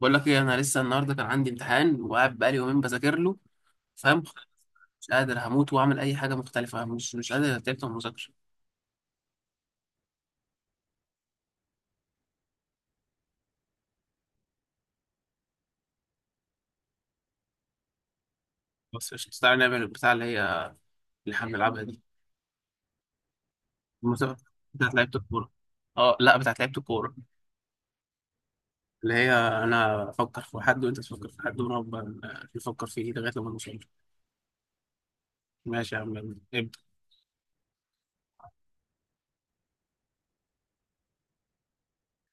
بقول لك ايه، انا لسه النهارده كان عندي امتحان وقاعد بقالي يومين بذاكر له. فاهم؟ مش قادر، هموت واعمل اي حاجه مختلفه. مش قادر، تعبت من المذاكره. بس قشطة، تعالى نعمل البتاع اللي هي، اللي احنا بنلعبها دي، المسابقه بتاعت لعيبه الكوره. اه لا، بتاعت لعيبه الكوره اللي هي انا افكر في حد وانت تفكر في حد ونقعد بقى نفكر فيه لغايه لما نوصل. ماشي يا عم، يلا ابدا.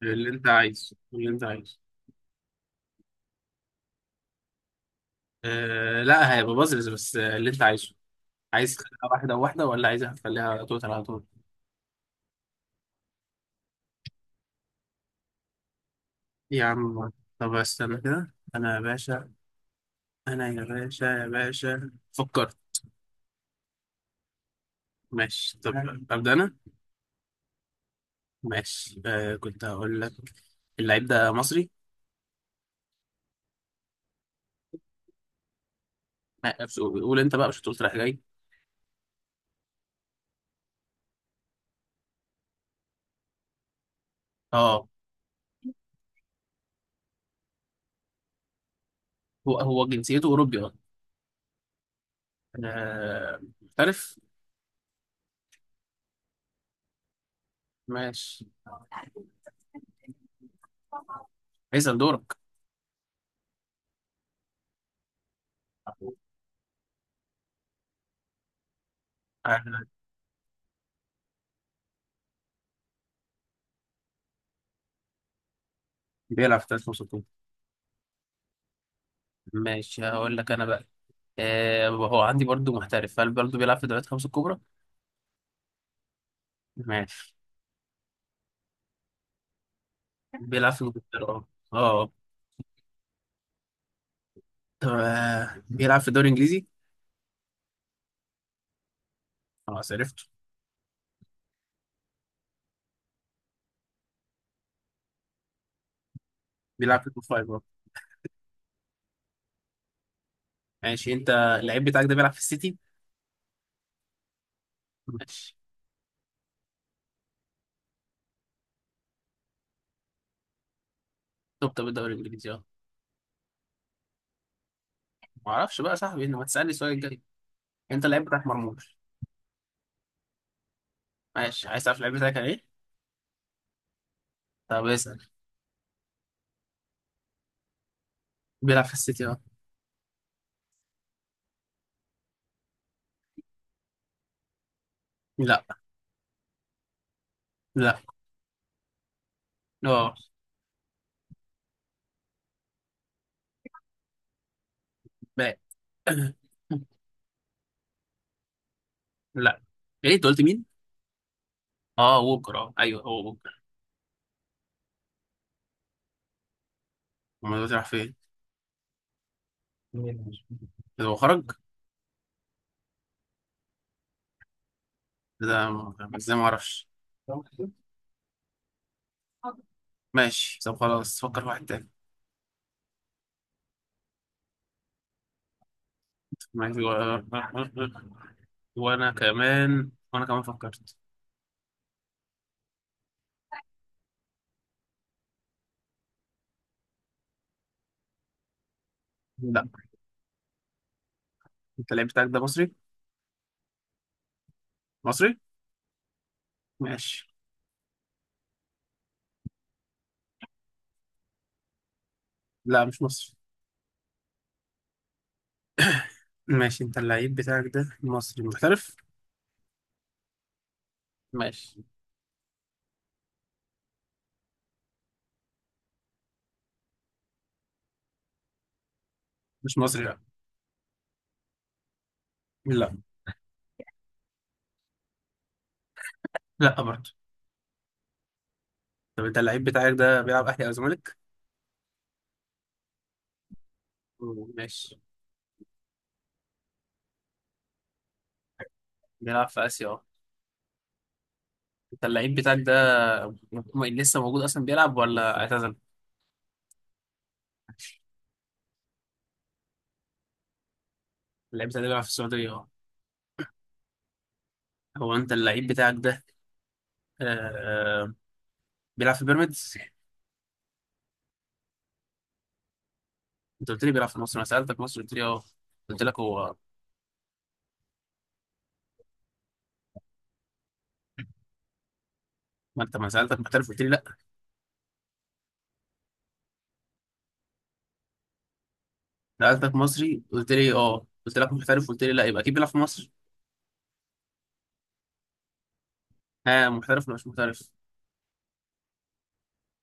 اللي انت عايزه، اللي انت عايزه. لا، هيبقى بازلز بس. اللي انت عايزه. عايز تخليها واحده واحده ولا عايزها تخليها توتال على طول؟ يا عم، طب استنى كده، انا يا باشا، انا يا باشا يا باشا فكرت. ماشي طب، ابدا انا. ماشي، كنت هقول لك، اللعيب ده مصري. لا، بس قول قول انت بقى، مش هتقول رايح جاي. اه، هو جنسيته اوروبي، اه. محترف. ماشي، اسال دورك. آه، بيلعب في دوري خمسة الكبرى. ماشي، هقول لك انا بقى، هو عندي برضو محترف. هل برضو بيلعب في دوريات خمسة الكبرى؟ ماشي. بيلعب في انجلترا، اه اه. طب، بيلعب في الدوري الانجليزي. خلاص، عرفته. بيلعب في التوب فايف برضه. ماشي، انت اللعيب بتاعك ده بيلعب في السيتي؟ ماشي، توب توب الدوري الانجليزي، اه. ما اعرفش بقى يا صاحبي، انت ما تسالني السؤال الجاي. انت اللعيب بتاعك مرموش؟ ماشي، عايز تعرف اللعيب بتاعك كان ايه؟ طب اسال. بيلعب في السيتي، اه. لا. لا. اه. لا. لا. ايه؟ انت قلت مين؟ اه ووكر، اه ايوه، هو ووكر. امال هو بيلعب فين؟ هو خرج. إيه ده؟ ازاي؟ ما اعرفش. ماشي طب، خلاص فكر في واحد تاني. وانا كمان فكرت. لا. انت اللعيب بتاعك ده مصري؟ مصري. ماشي. لا، مش مصري. ماشي، انت اللعيب بتاعك ده مصري محترف؟ ماشي. مش مصري، لا لا. لا، برضه. طب انت اللعيب بتاعك ده بيلعب اهلي او زمالك؟ ماشي، بيلعب في اسيا، اه. انت اللعيب بتاعك ده، لسه موجود اصلا بيلعب ولا اعتزل؟ اللعيب بتاعك ده بيلعب في السعوديه، اه. هو انت اللعيب بتاعك ده، آه آه، بيلعب في بيراميدز؟ انت قلت لي بيلعب في مصر، انا سالتك مصر قلت لي اه، قلت لك هو. ما انت، ما سالتك محترف قلت لي لا. سألتك مصري قلت لي اه، قلت لك محترف قلت لي لا، يبقى اكيد بيلعب في مصر. ها، محترف ولا مش محترف؟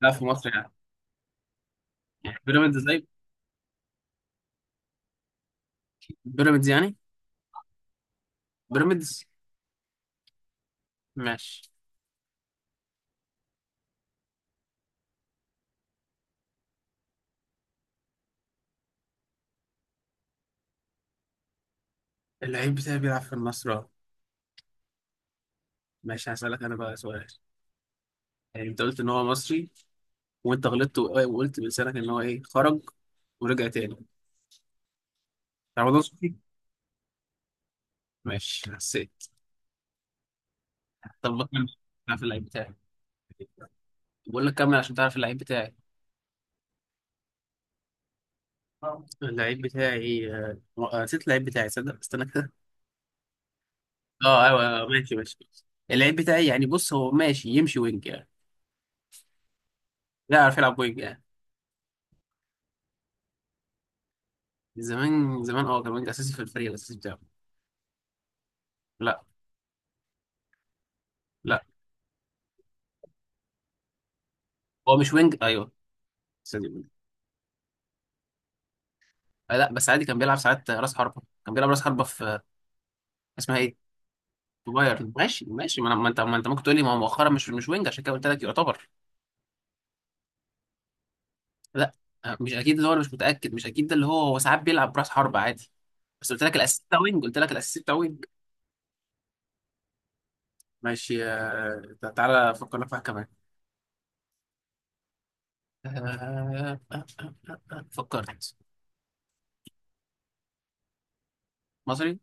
لا، في مصر يعني. يعني بيراميدز زي، بيراميدز يعني. بيراميدز. ماشي. اللعيب بتاعي بيلعب في النصر، اه. ماشي، هسألك انا بقى سؤال. يعني انت قلت ان هو مصري، وانت غلطت وقلت بلسانك ان هو ايه، خرج ورجع تاني. رمضان صبحي. ماشي. حسيت. طب بكمل، تعرف اللعيب بتاعي. بقول لك كمل عشان تعرف اللعيب بتاعي. اللعيب بتاعي، نسيت اللعيب بتاعي، صدق، استنى كده. اه ايوه، أيوة، ماشي ماشي. اللعيب بتاعي يعني، بص هو ماشي يمشي وينج يعني. لا، يعرف يلعب وينج يعني. زمان زمان اه، كان وينج اساسي في الفريق الاساسي بتاعه. لا. لا. هو مش وينج، ايوه. استني، وينج. لا، بس عادي، كان بيلعب ساعات راس حربه، كان بيلعب راس حربه في، اسمها ايه، في بايرن. ماشي ماشي. ما انت ممكن تقول لي، ما هو مؤخرا مش وينج، عشان كده قلت لك يعتبر. لا، مش اكيد، اللي هو أنا مش متاكد، مش اكيد ده، اللي هو هو ساعات بيلعب راس حربه عادي. بس قلت لك الاساسي بتاع وينج، قلت لك الاساسي بتاع وينج. ماشي، تعالى فكرنا في واحد كمان. آه، آه، آه، فكرت. مصري.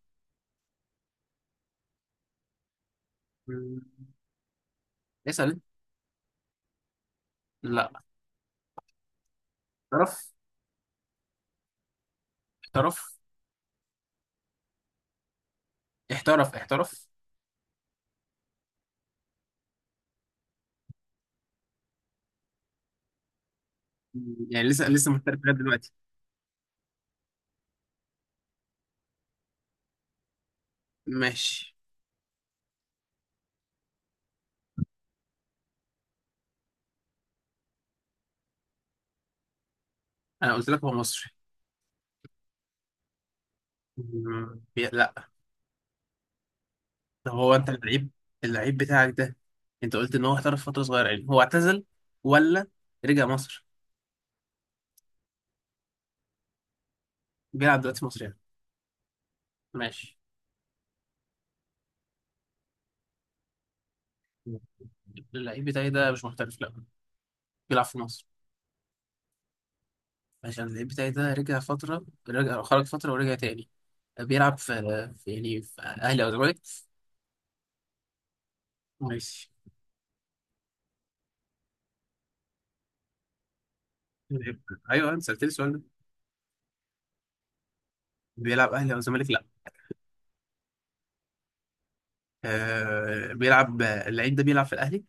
مم. اسأل انت. لا. احترف. احترف. احترف. احترف. مم، يعني لسه محترف لغاية دلوقتي. ماشي. انا قلت لك هو مصري. مم. لا. طب هو انت اللعيب، اللعيب بتاعك ده، انت قلت ان هو احترف فترة صغيرة، يعني هو اعتزل ولا رجع مصر؟ بيلعب دلوقتي مصر يعني. ماشي. مم. اللعيب بتاعي ده مش محترف، لا، بيلعب في مصر. عشان اللعيب بتاعي ده رجع فترة، رجع، خرج فترة ورجع تاني، بيلعب في، يعني في اهلي او زمالك. ماشي. ايوه انت سالتني السؤال ده. بيلعب اهلي او زمالك، لا. بيلعب اللعيب ده بيلعب في الاهلي.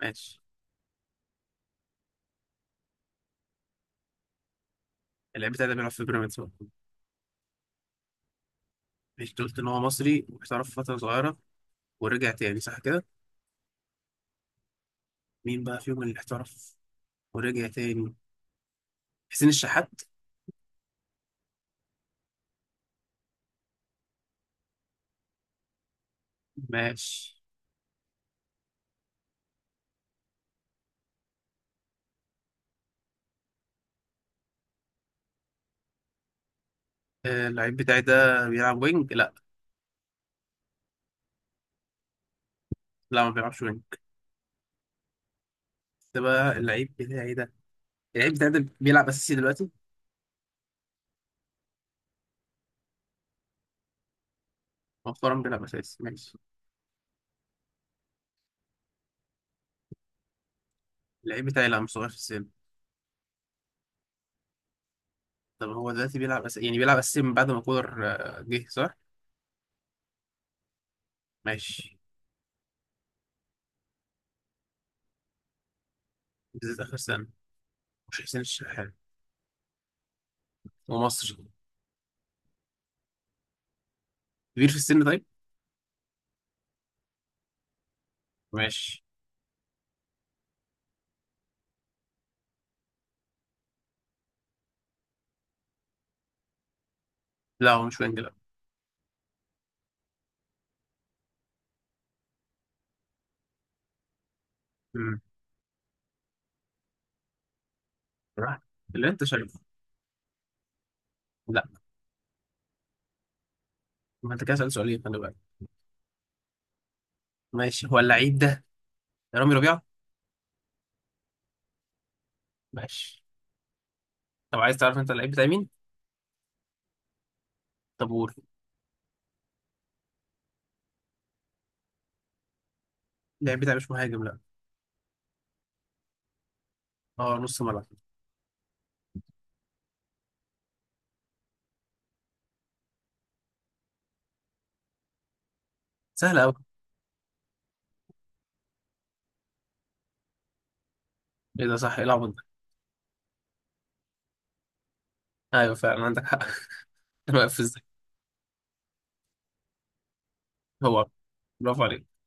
ماشي. اللعيب بتاع ده بيلعب في بيراميدز بقى. ماشي. أنت قلت ان هو مصري واحترف فتره صغيره ورجع تاني، صح كده؟ مين بقى فيهم اللي احترف ورجع تاني؟ حسين الشحات. ماشي. اللعيب بتاعي ده بيلعب وينج، لا. لا، ما بيلعبش وينج. ده بقى اللعيب بتاعي ده، اللعيب بتاعي ده بيلعب اساسي دلوقتي. مؤخرا بيلعب اساسي، ماشي. اللعيب بتاعي لا، مش صغير في السن. طب هو دلوقتي بيلعب يعني بيلعب أساسي من بعد ما كولر جه، صح؟ ماشي. بالذات آخر سنة. مش حسين الشحات. ومصري. كبير في السن، طيب؟ ماشي. لا هو مش وينج، لا. أمم. راح اللي أنت شايفه. لا. ما أنت كده سألت سؤالين، خلي بالك. ماشي. هو اللعيب ده رامي ربيعة؟ ماشي. طب عايز تعرف أنت اللعيب بتاع مين؟ طب قول. اللعيب بتاع مش مهاجم، لا. أه، نص ملعب. سهلة أوي. إيه ده؟ صح، إيه العبط ده؟ أيوه فعلا، عندك حق. أنا واقف في الزق. هو. برافو عليك.